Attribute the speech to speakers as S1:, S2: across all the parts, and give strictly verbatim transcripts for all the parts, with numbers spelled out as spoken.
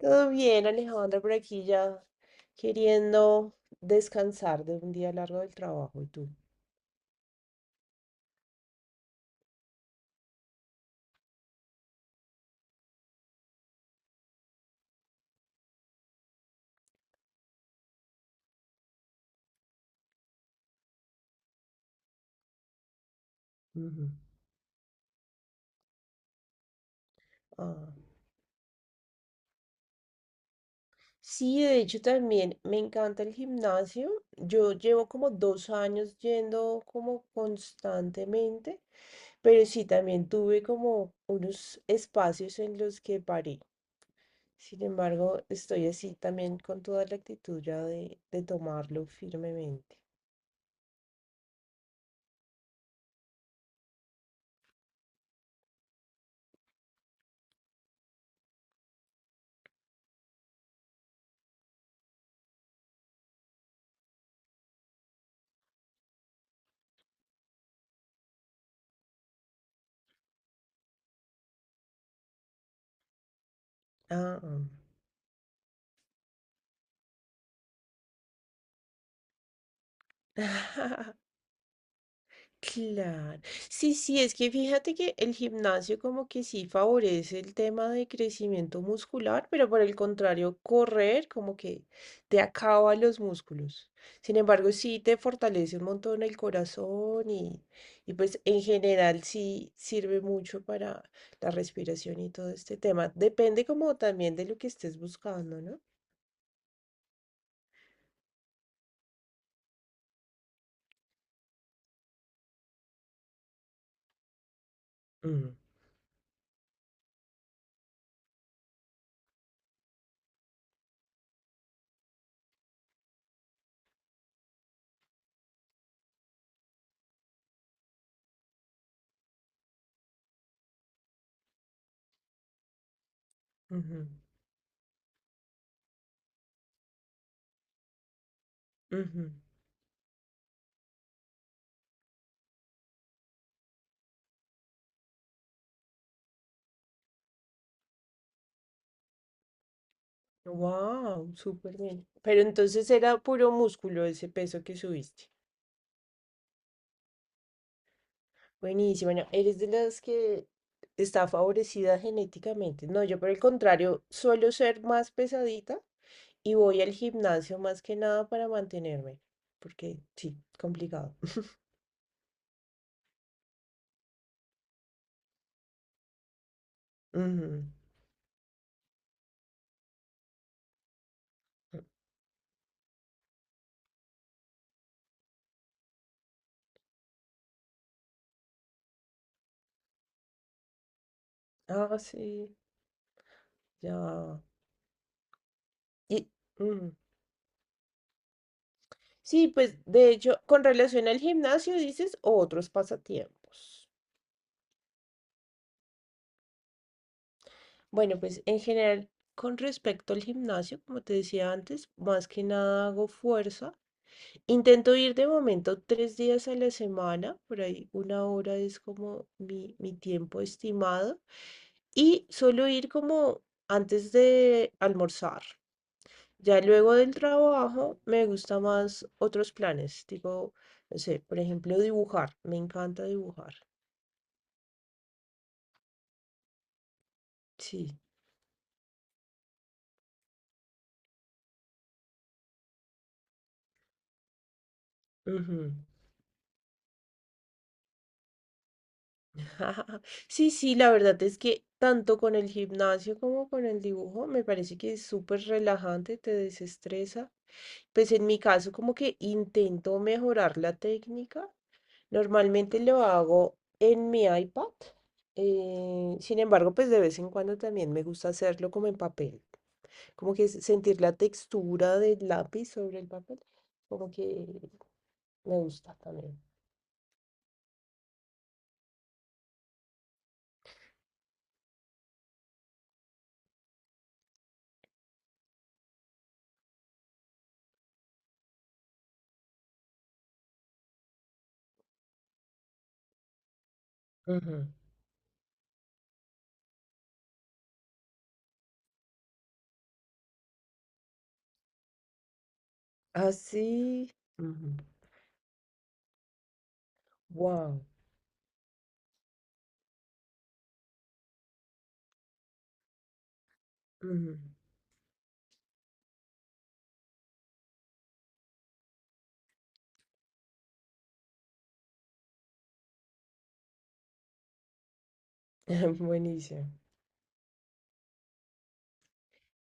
S1: Todo bien, Alejandra, por aquí ya queriendo descansar de un día largo del trabajo. ¿Y tú? Ujú. Ah. Sí, de hecho también me encanta el gimnasio. Yo llevo como dos años yendo como constantemente, pero sí también tuve como unos espacios en los que paré. Sin embargo, estoy así también con toda la actitud ya de, de tomarlo firmemente. Ah. Claro. Sí, sí, es que fíjate que el gimnasio como que sí favorece el tema de crecimiento muscular, pero por el contrario, correr como que te acaba los músculos. Sin embargo, sí te fortalece un montón el corazón y, y pues en general sí sirve mucho para la respiración y todo este tema. Depende como también de lo que estés buscando, ¿no? Mm, ujú, ujú. Wow, súper bien. Pero entonces era puro músculo ese peso que subiste. Buenísimo. Bueno, eres de las que está favorecida genéticamente. No, yo por el contrario, suelo ser más pesadita y voy al gimnasio más que nada para mantenerme, porque sí, complicado. Ujú. Ah, sí, ya. Y, ujú. Sí, pues de hecho, con relación al gimnasio dices otros pasatiempos. Bueno, pues en general, con respecto al gimnasio, como te decía antes, más que nada hago fuerza. Intento ir de momento tres días a la semana, por ahí una hora es como mi, mi tiempo estimado. Y suelo ir como antes de almorzar. Ya luego del trabajo me gusta más otros planes, tipo, no sé, por ejemplo, dibujar. Me encanta dibujar. Sí. Ujú. Sí, sí, la verdad es que tanto con el gimnasio como con el dibujo me parece que es súper relajante, te desestresa. Pues en mi caso como que intento mejorar la técnica. Normalmente lo hago en mi iPad. Eh, sin embargo, pues de vez en cuando también me gusta hacerlo como en papel. Como que s- sentir la textura del lápiz sobre el papel. Como que me gusta también. Ujú. Así. Wow. Ujú. Buenísimo.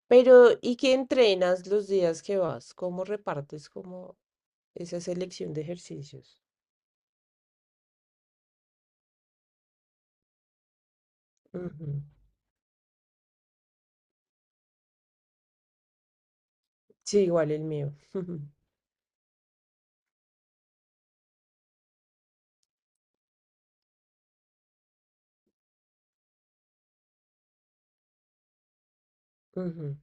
S1: Pero, ¿y qué entrenas los días que vas? ¿Cómo repartes como esa selección de ejercicios? Ujú. Sí, igual el mío. Ujú.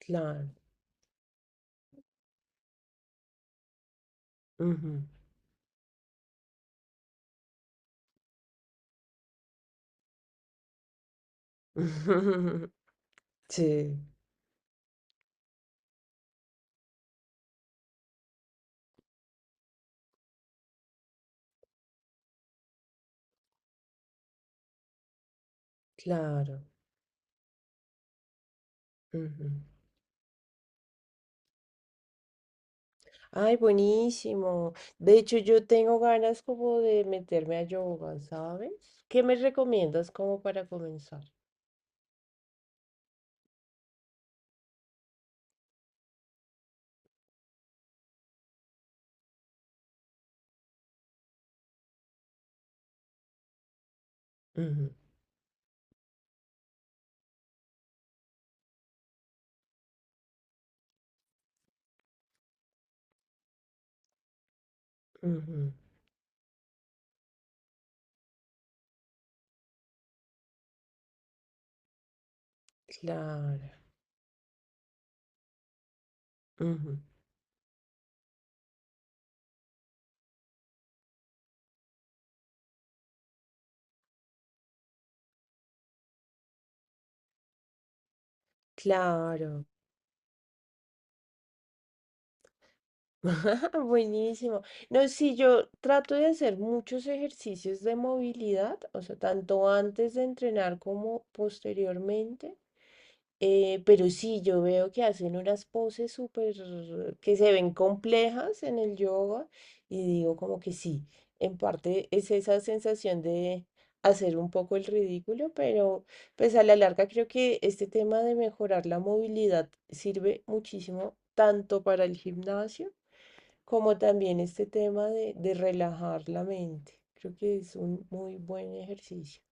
S1: Claro. Ujú. Sí, claro. Ujú. Ay, buenísimo. De hecho, yo tengo ganas como de meterme a yoga, ¿sabes? ¿Qué me recomiendas como para comenzar? Ujú, ujú. Claro. Ujú. Claro. Buenísimo. No, sí, yo trato de hacer muchos ejercicios de movilidad, o sea, tanto antes de entrenar como posteriormente. Eh, pero sí, yo veo que hacen unas poses súper que se ven complejas en el yoga y digo como que sí, en parte es esa sensación de hacer un poco el ridículo, pero pues a la larga creo que este tema de mejorar la movilidad sirve muchísimo tanto para el gimnasio como también este tema de, de relajar la mente. Creo que es un muy buen ejercicio.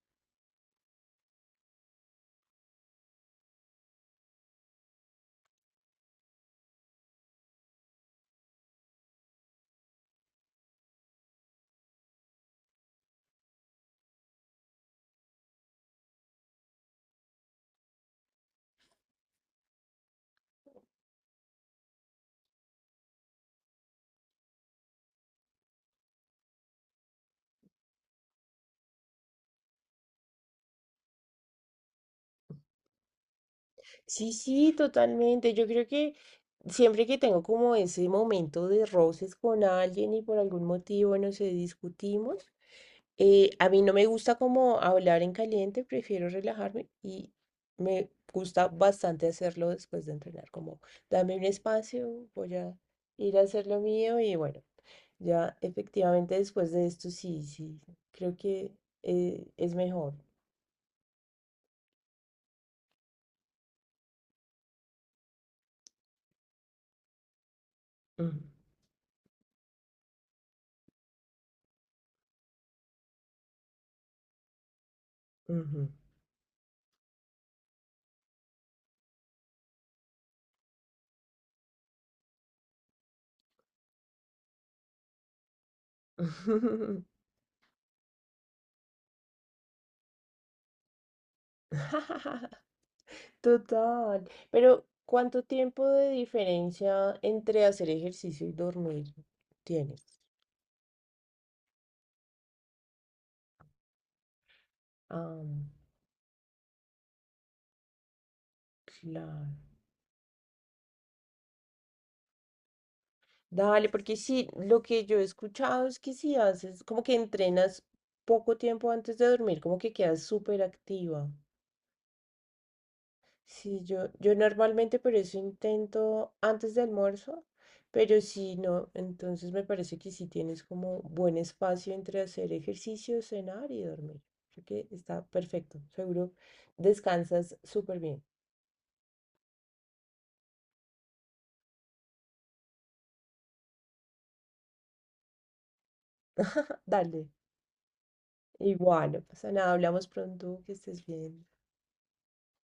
S1: Sí, sí, totalmente. Yo creo que siempre que tengo como ese momento de roces con alguien y por algún motivo, no sé, discutimos. Eh, a mí no me gusta como hablar en caliente, prefiero relajarme y me gusta bastante hacerlo después de entrenar, como dame un espacio, voy a ir a hacer lo mío y bueno, ya efectivamente después de esto, sí, sí, creo que eh, es mejor. Ujú, ujú. Total, pero ¿cuánto tiempo de diferencia entre hacer ejercicio y dormir tienes? Ah, claro. Dale, porque sí, lo que yo he escuchado es que si haces, como que entrenas poco tiempo antes de dormir, como que quedas súper activa. Sí, yo, yo normalmente por eso intento antes del almuerzo, pero si no, entonces me parece que sí tienes como buen espacio entre hacer ejercicio, cenar y dormir. Creo que está perfecto, seguro descansas súper bien. Dale, igual, no pasa nada, hablamos pronto, que estés bien.